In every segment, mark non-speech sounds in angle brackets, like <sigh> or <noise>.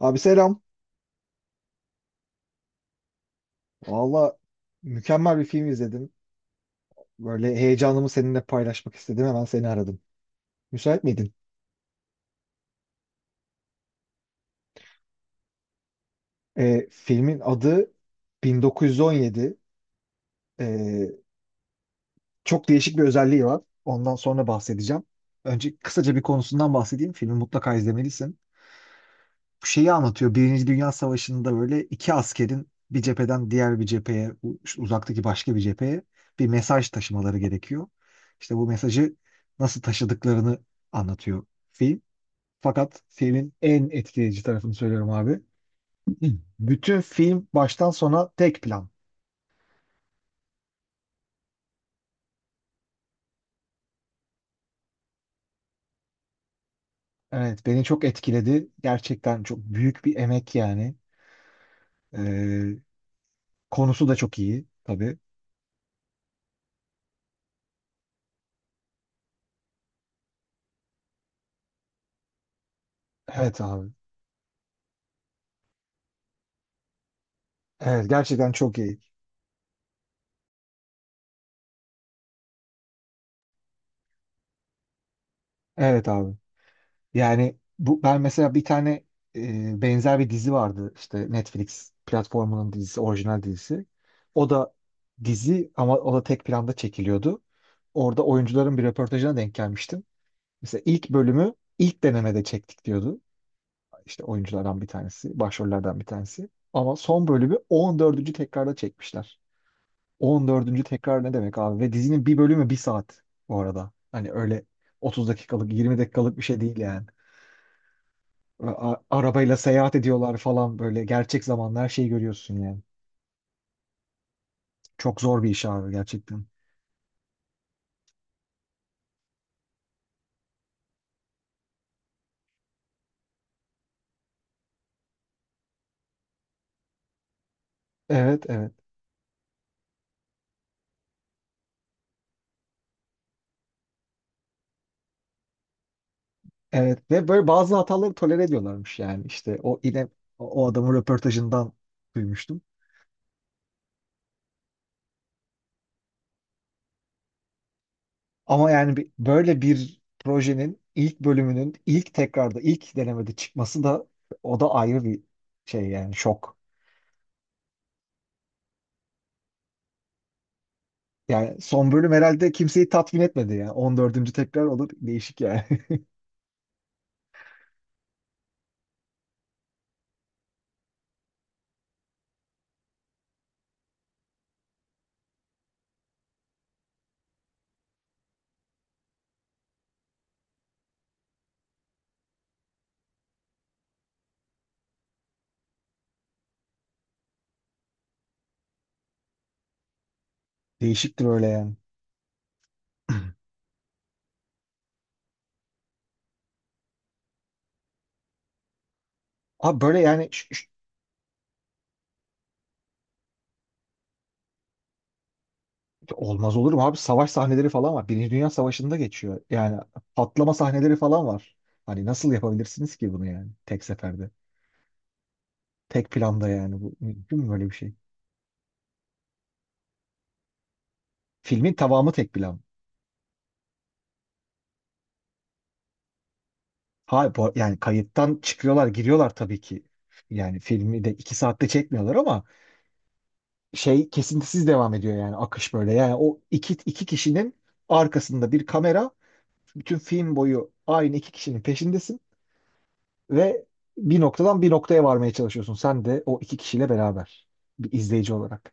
Abi selam. Valla mükemmel bir film izledim. Böyle heyecanımı seninle paylaşmak istedim. Hemen seni aradım. Müsait miydin? Filmin adı 1917. Ee, Çok değişik bir özelliği var. Ondan sonra bahsedeceğim. Önce kısaca bir konusundan bahsedeyim. Filmi mutlaka izlemelisin. Bu şeyi anlatıyor. Birinci Dünya Savaşı'nda böyle iki askerin bir cepheden diğer bir cepheye, uzaktaki başka bir cepheye bir mesaj taşımaları gerekiyor. İşte bu mesajı nasıl taşıdıklarını anlatıyor film. Fakat filmin en etkileyici tarafını söylüyorum abi. <clears throat> Bütün film baştan sona tek plan. Evet, beni çok etkiledi. Gerçekten çok büyük bir emek yani. Ee, Konusu da çok iyi tabii. Evet abi. Evet, gerçekten çok iyi. Evet abi. Yani bu ben mesela bir tane benzer bir dizi vardı işte Netflix platformunun dizisi, orijinal dizisi. O da dizi ama o da tek planda çekiliyordu. Orada oyuncuların bir röportajına denk gelmiştim. Mesela ilk bölümü ilk denemede çektik diyordu. İşte oyunculardan bir tanesi, başrollerden bir tanesi. Ama son bölümü 14. tekrarda çekmişler. 14. tekrar ne demek abi? Ve dizinin bir bölümü bir saat bu arada. Hani öyle 30 dakikalık, 20 dakikalık bir şey değil yani. Arabayla seyahat ediyorlar falan böyle. Gerçek zamanlı her şeyi görüyorsun yani. Çok zor bir iş abi gerçekten. Evet, evet. Evet ve böyle bazı hataları tolere ediyorlarmış yani işte o yine o adamın röportajından duymuştum. Ama yani böyle bir projenin ilk bölümünün ilk tekrarda ilk denemede çıkması da o da ayrı bir şey yani şok. Yani son bölüm herhalde kimseyi tatmin etmedi yani. 14. tekrar olur değişik yani. <laughs> Değişiktir öyle yani. <clears throat> Abi böyle yani ş- Olmaz olur mu abi? Savaş sahneleri falan var. Birinci Dünya Savaşı'nda geçiyor. Yani patlama sahneleri falan var. Hani nasıl yapabilirsiniz ki bunu yani tek seferde? Tek planda yani bu mümkün mü böyle bir şey? Filmin tamamı tek plan. Hayır yani kayıttan çıkıyorlar giriyorlar tabii ki. Yani filmi de 2 saatte çekmiyorlar ama şey kesintisiz devam ediyor yani akış böyle. Yani o iki kişinin arkasında bir kamera bütün film boyu aynı iki kişinin peşindesin. Ve bir noktadan bir noktaya varmaya çalışıyorsun. Sen de o iki kişiyle beraber bir izleyici olarak.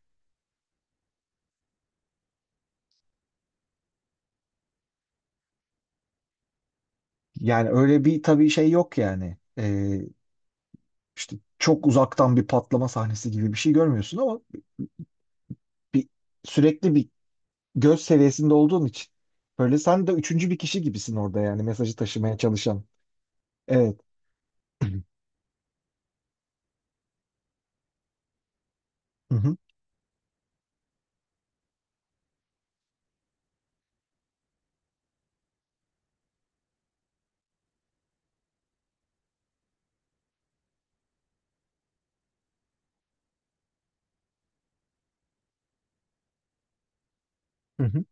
Yani öyle bir tabii şey yok yani. İşte çok uzaktan bir patlama sahnesi gibi bir şey görmüyorsun ama bir sürekli bir göz seviyesinde olduğun için böyle sen de üçüncü bir kişi gibisin orada yani mesajı taşımaya çalışan. Evet. Hı hı. Hı hı.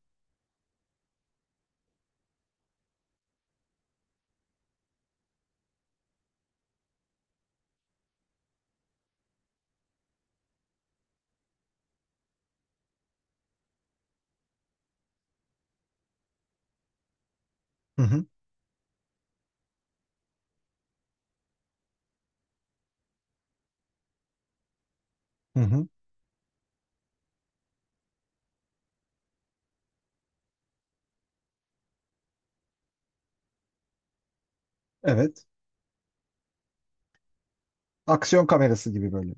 Hı hı. Hı hı. Evet. Aksiyon kamerası gibi böyle.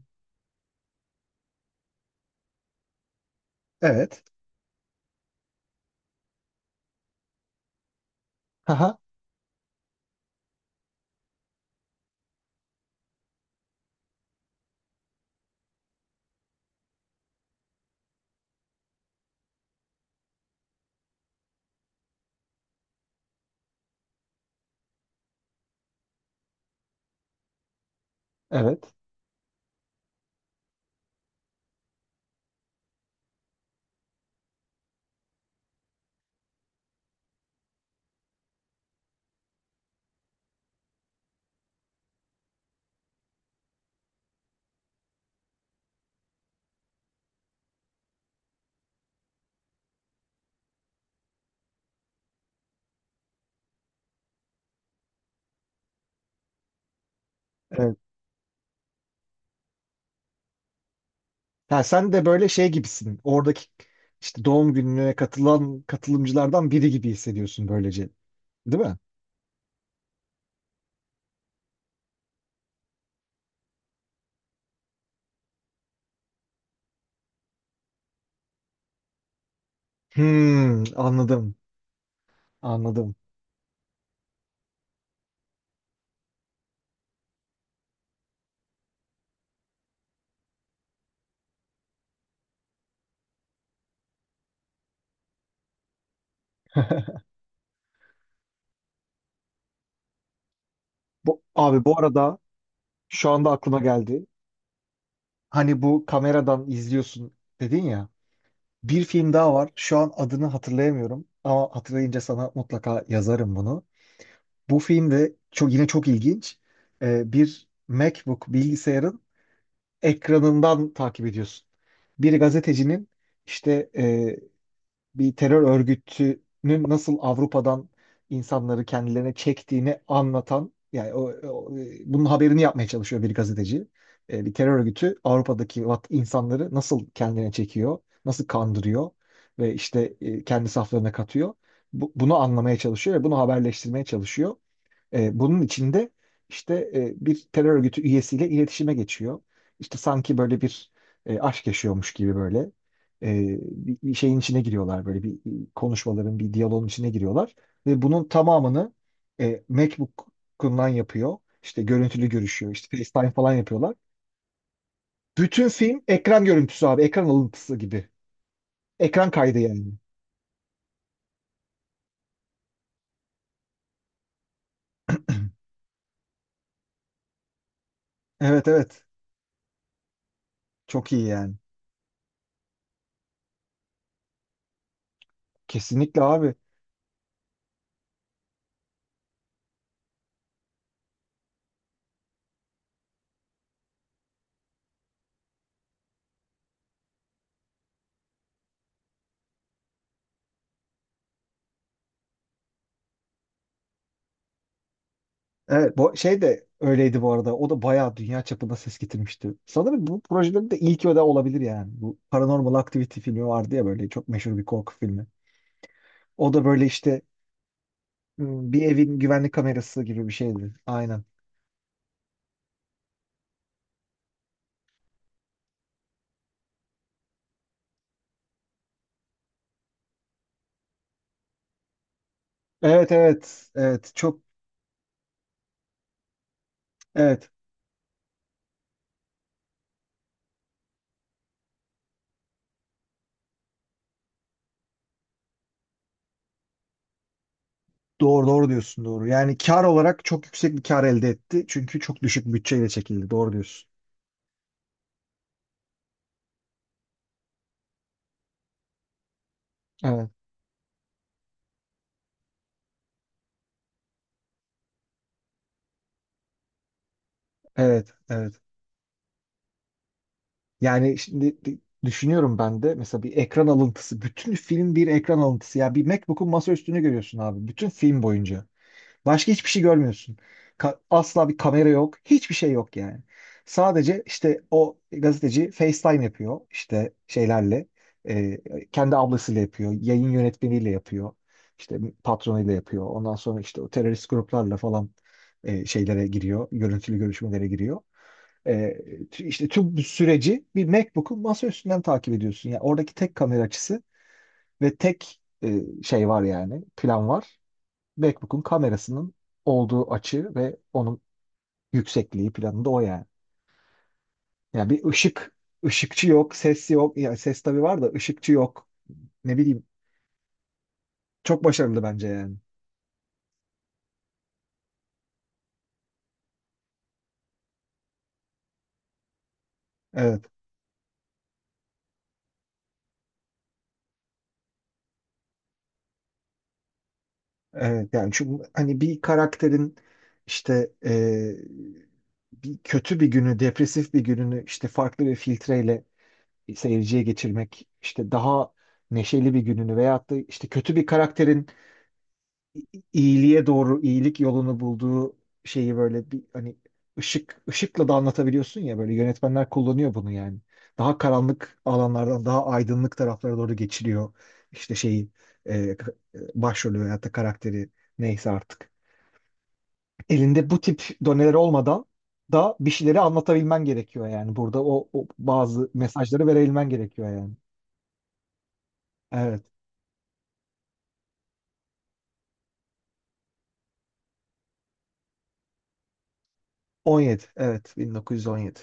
Evet. Haha. Evet. Ya sen de böyle şey gibisin. Oradaki işte doğum gününe katılan katılımcılardan biri gibi hissediyorsun böylece. Değil mi? Hmm, anladım. Anladım. Bu, abi bu arada şu anda aklıma geldi. Hani bu kameradan izliyorsun dedin ya. Bir film daha var. Şu an adını hatırlayamıyorum. Ama hatırlayınca sana mutlaka yazarım bunu. Bu film de çok, yine çok ilginç. Bir MacBook bilgisayarın ekranından takip ediyorsun. Bir gazetecinin işte bir terör örgütünün nasıl Avrupa'dan insanları kendilerine çektiğini anlatan yani bunun haberini yapmaya çalışıyor bir gazeteci. Bir terör örgütü Avrupa'daki insanları nasıl kendine çekiyor, nasıl kandırıyor ve işte kendi saflarına katıyor. Bunu anlamaya çalışıyor ve bunu haberleştirmeye çalışıyor. Bunun içinde işte bir terör örgütü üyesiyle iletişime geçiyor. İşte sanki böyle bir aşk yaşıyormuş gibi böyle bir şeyin içine giriyorlar böyle bir konuşmaların bir diyaloğun içine giriyorlar ve bunun tamamını MacBook'undan yapıyor. İşte görüntülü görüşüyor, işte FaceTime falan yapıyorlar. Bütün film ekran görüntüsü abi, ekran alıntısı gibi. Ekran kaydı yani. Evet, evet. Çok iyi yani. Kesinlikle abi. Evet, bu şey de öyleydi bu arada. O da bayağı dünya çapında ses getirmişti. Sanırım bu projelerin de ilk öde olabilir yani. Bu Paranormal Activity filmi vardı ya böyle çok meşhur bir korku filmi. O da böyle işte hmm, bir evin güvenlik kamerası gibi bir şeydi. Aynen. Evet, evet, evet, çok evet, doğru, doğru diyorsun, doğru. Yani kar olarak çok yüksek bir kar elde etti. Çünkü çok düşük bütçeyle çekildi. Doğru diyorsun. Evet, evet, evet. Yani şimdi düşünüyorum ben de mesela bir ekran alıntısı. Bütün film bir ekran alıntısı. Ya bir MacBook'un masaüstünü görüyorsun abi. Bütün film boyunca. Başka hiçbir şey görmüyorsun. Asla bir kamera yok. Hiçbir şey yok yani. Sadece işte o gazeteci FaceTime yapıyor. İşte şeylerle. e, Kendi ablasıyla yapıyor. Yayın yönetmeniyle yapıyor. İşte patronuyla yapıyor. Ondan sonra işte o terörist gruplarla falan şeylere giriyor. Görüntülü görüşmelere giriyor. E, işte tüm bu süreci bir MacBook'un masa üstünden takip ediyorsun. Yani oradaki tek kamera açısı ve tek şey var yani plan var. MacBook'un kamerasının olduğu açı ve onun yüksekliği planında o yani. Yani bir ışık, ışıkçı yok, ses yok. Yani ses tabii var da ışıkçı yok. Ne bileyim. Çok başarılı bence yani. Evet, evet. Yani çünkü hani bir karakterin işte bir kötü bir günü, depresif bir gününü işte farklı bir filtreyle seyirciye geçirmek, işte daha neşeli bir gününü veyahut da işte kötü bir karakterin iyiliğe doğru, iyilik yolunu bulduğu şeyi böyle bir hani ışıkla da anlatabiliyorsun ya böyle yönetmenler kullanıyor bunu yani. Daha karanlık alanlardan daha aydınlık taraflara doğru geçiliyor işte şeyi başrolü veyahut da karakteri neyse artık. Elinde bu tip doneler olmadan da bir şeyleri anlatabilmen gerekiyor yani. Burada o bazı mesajları verebilmen gerekiyor yani. Evet. 17. Evet, 1917.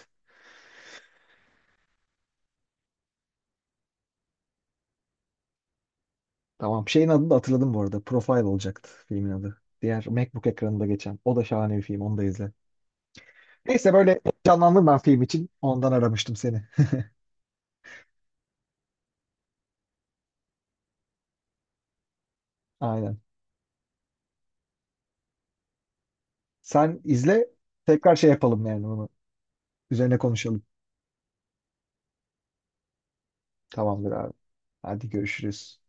Tamam. Şeyin adını da hatırladım bu arada. Profile olacaktı filmin adı. Diğer MacBook ekranında geçen. O da şahane bir film. Onu da izle. Neyse böyle canlandım ben film için. Ondan aramıştım seni. Aynen. Sen izle. Tekrar şey yapalım yani bunu. Üzerine konuşalım. Tamamdır abi. Hadi görüşürüz.